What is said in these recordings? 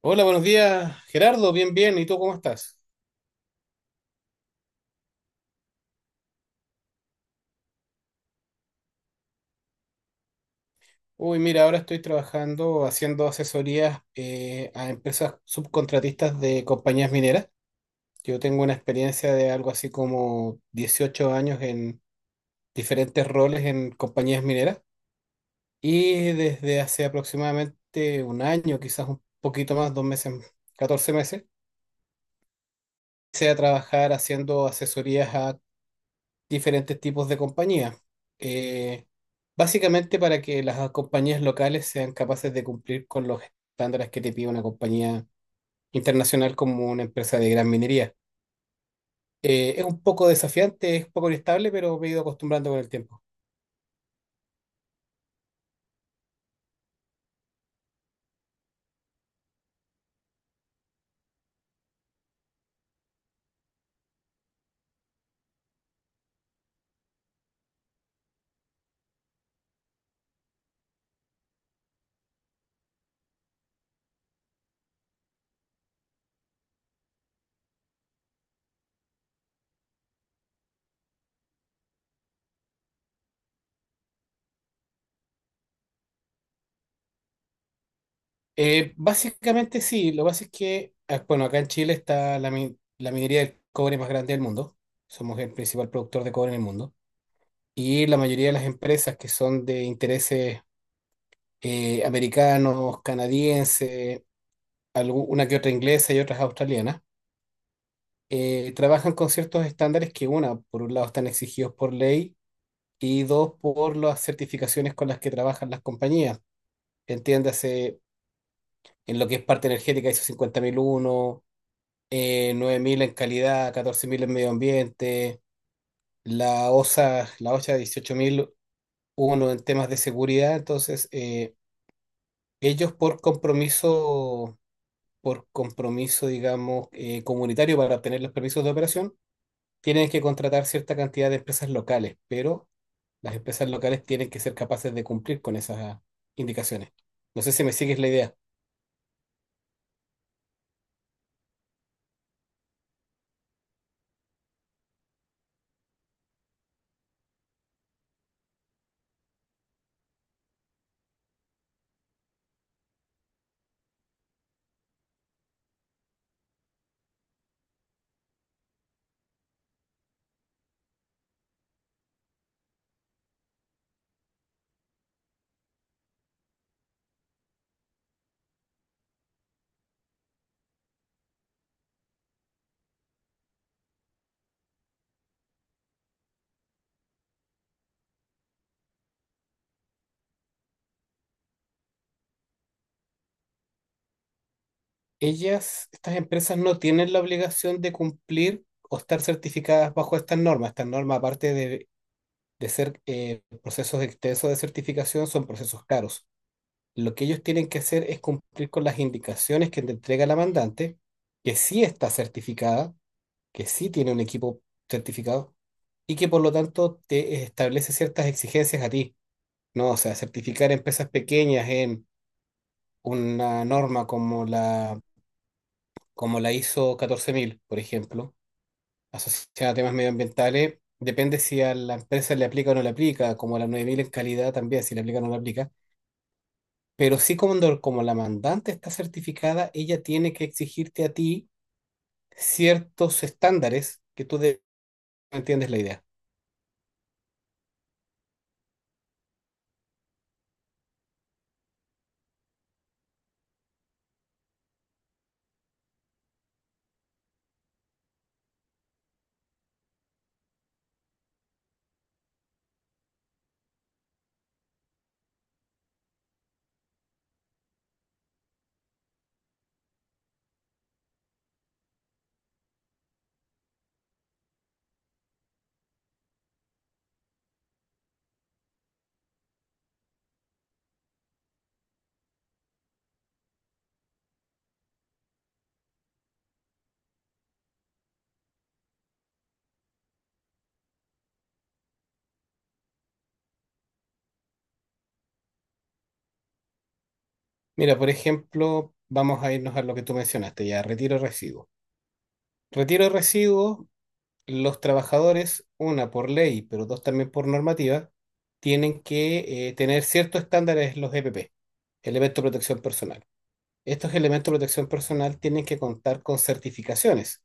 Hola, buenos días, Gerardo. Bien, bien. ¿Y tú cómo estás? Uy, mira, ahora estoy trabajando haciendo asesorías a empresas subcontratistas de compañías mineras. Yo tengo una experiencia de algo así como 18 años en diferentes roles en compañías mineras y desde hace aproximadamente un año, quizás un poquito más, 2 meses, 14 meses, empecé a trabajar haciendo asesorías a diferentes tipos de compañías. Eh, Básicamente para que las compañías locales sean capaces de cumplir con los estándares que te pide una compañía internacional como una empresa de gran minería. Es un poco desafiante, es un poco inestable, pero me he ido acostumbrando con el tiempo. Básicamente sí, lo que pasa es que, ah, bueno, acá en Chile está la minería del cobre más grande del mundo. Somos el principal productor de cobre en el mundo. Y la mayoría de las empresas que son de intereses americanos, canadienses, una que otra inglesa y otras australianas, trabajan con ciertos estándares que, una, por un lado están exigidos por ley y dos, por las certificaciones con las que trabajan las compañías. Entiéndase, en lo que es parte energética, ISO 50001, 9000 en calidad, 14000 en medio ambiente, la OSA, la OSHA 18001 en temas de seguridad. Entonces, ellos por compromiso, digamos, comunitario para obtener los permisos de operación, tienen que contratar cierta cantidad de empresas locales, pero las empresas locales tienen que ser capaces de cumplir con esas indicaciones. No sé si me sigues la idea. Ellas, estas empresas no tienen la obligación de cumplir o estar certificadas bajo estas normas. Estas normas, aparte de ser procesos extensos de certificación, son procesos caros. Lo que ellos tienen que hacer es cumplir con las indicaciones que te entrega la mandante, que sí está certificada, que sí tiene un equipo certificado y que por lo tanto te establece ciertas exigencias a ti, ¿no? O sea, certificar empresas pequeñas en una norma como la ISO 14000, por ejemplo, asociada a temas medioambientales, depende si a la empresa le aplica o no le aplica, como la 9000 en calidad también, si le aplica o no le aplica, pero sí cuando, como la mandante está certificada, ella tiene que exigirte a ti ciertos estándares que entiendes la idea. Mira, por ejemplo, vamos a irnos a lo que tú mencionaste ya, retiro de residuos. Retiro de residuos, los trabajadores, una por ley, pero dos también por normativa, tienen que tener ciertos estándares en los EPP, elementos de protección personal. Estos elementos de protección personal tienen que contar con certificaciones.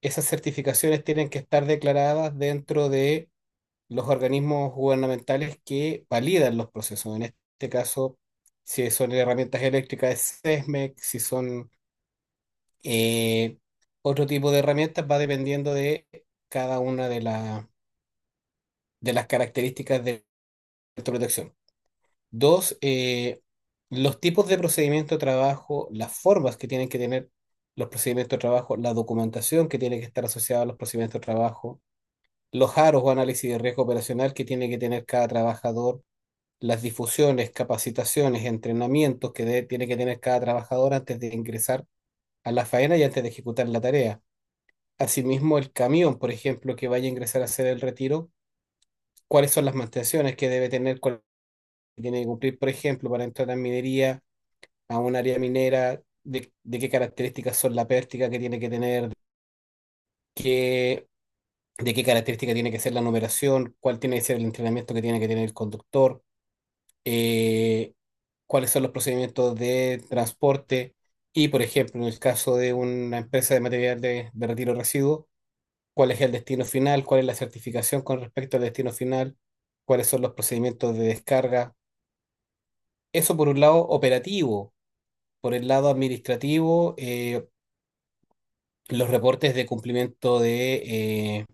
Esas certificaciones tienen que estar declaradas dentro de los organismos gubernamentales que validan los procesos. En este caso, si son herramientas eléctricas, es SESMEC, si son, Eh, otro tipo de herramientas va dependiendo de cada una de, la- de las características de protección. Dos, los tipos de procedimiento de trabajo, las formas que tienen que tener los procedimientos de trabajo, la documentación que tiene que estar asociada a los procedimientos de trabajo, los aros o análisis de riesgo operacional que tiene que tener cada trabajador, las difusiones, capacitaciones, entrenamientos que tiene que tener cada trabajador antes de ingresar a la faena y antes de ejecutar la tarea. Asimismo, el camión, por ejemplo, que vaya a ingresar a hacer el retiro, ¿cuáles son las mantenciones que debe tener, cuál tiene que cumplir, por ejemplo, para entrar a minería, a un área minera, de qué características son la pértiga que tiene que tener, qué, de qué característica tiene que ser la numeración, cuál tiene que ser el entrenamiento que tiene que tener el conductor, eh, cuáles son los procedimientos de transporte y, por ejemplo, en el caso de una empresa de material de retiro de residuos, cuál es el destino final, cuál es la certificación con respecto al destino final, cuáles son los procedimientos de descarga? Eso por un lado operativo, por el lado administrativo, los reportes de cumplimiento de, eh,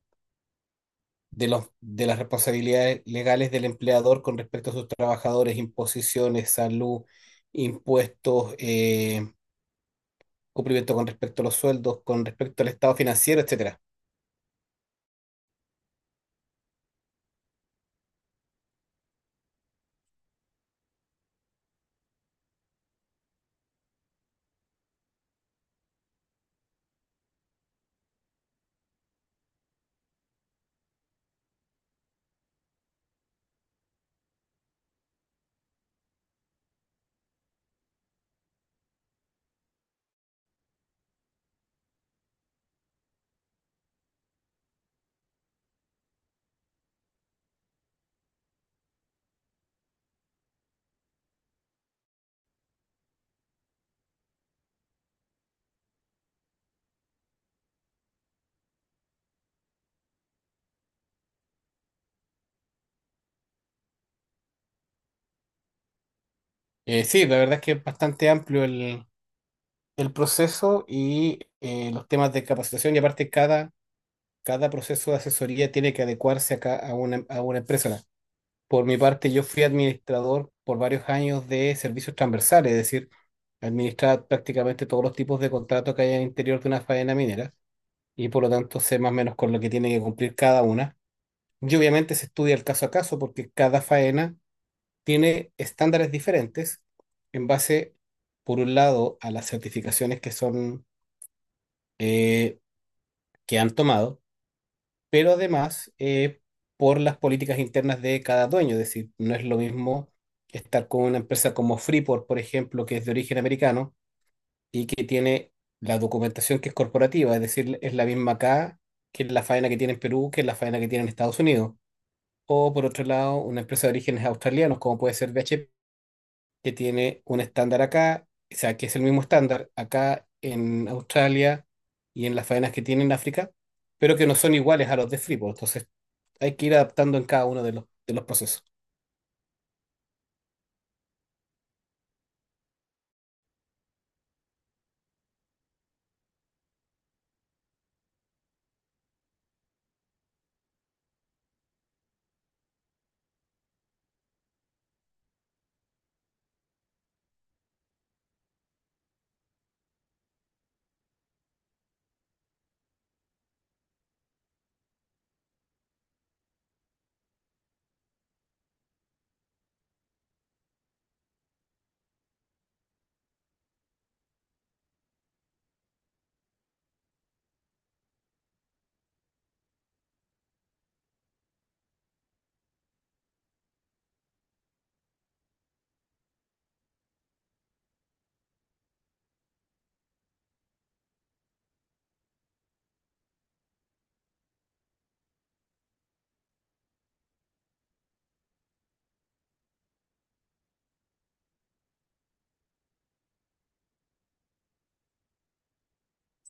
de, los, de las responsabilidades legales del empleador con respecto a sus trabajadores, imposiciones, salud, impuestos, cumplimiento con respecto a los sueldos, con respecto al estado financiero, etcétera. Sí, la verdad es que es bastante amplio el proceso y los temas de capacitación, y aparte cada proceso de asesoría tiene que adecuarse acá a a una empresa. Por mi parte, yo fui administrador por varios años de servicios transversales, es decir, administrar prácticamente todos los tipos de contratos que hay al interior de una faena minera y por lo tanto sé más o menos con lo que tiene que cumplir cada una. Y obviamente se estudia el caso a caso porque cada faena tiene estándares diferentes en base, por un lado, a las certificaciones que son, eh, que han tomado, pero además por las políticas internas de cada dueño. Es decir, no es lo mismo estar con una empresa como Freeport, por ejemplo, que es de origen americano y que tiene la documentación que es corporativa, es decir, es la misma acá que la faena que tiene en Perú, que la faena que tiene en Estados Unidos. O por otro lado, una empresa de orígenes australianos, como puede ser BHP, que tiene un estándar acá, o sea, que es el mismo estándar acá en Australia y en las faenas que tiene en África, pero que no son iguales a los de Freeport. Entonces, hay que ir adaptando en cada uno de los procesos.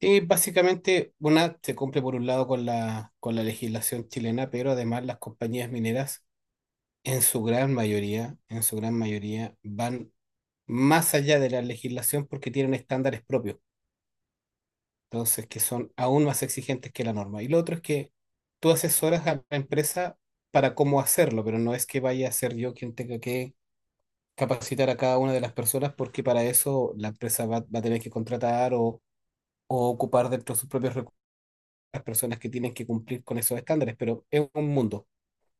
Y básicamente, una se cumple por un lado con con la legislación chilena, pero además las compañías mineras, en su gran mayoría, en su gran mayoría, van más allá de la legislación porque tienen estándares propios. Entonces, que son aún más exigentes que la norma. Y lo otro es que tú asesoras a la empresa para cómo hacerlo, pero no es que vaya a ser yo quien tenga que capacitar a cada una de las personas, porque para eso la empresa va a tener que contratar o ocupar dentro de sus propios recursos las personas que tienen que cumplir con esos estándares, pero es un mundo.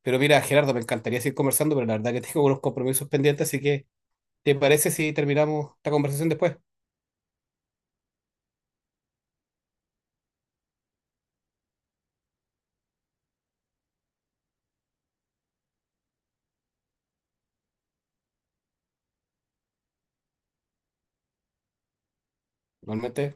Pero mira, Gerardo, me encantaría seguir conversando, pero la verdad que tengo unos compromisos pendientes, así que ¿te parece si terminamos esta conversación después? Normalmente.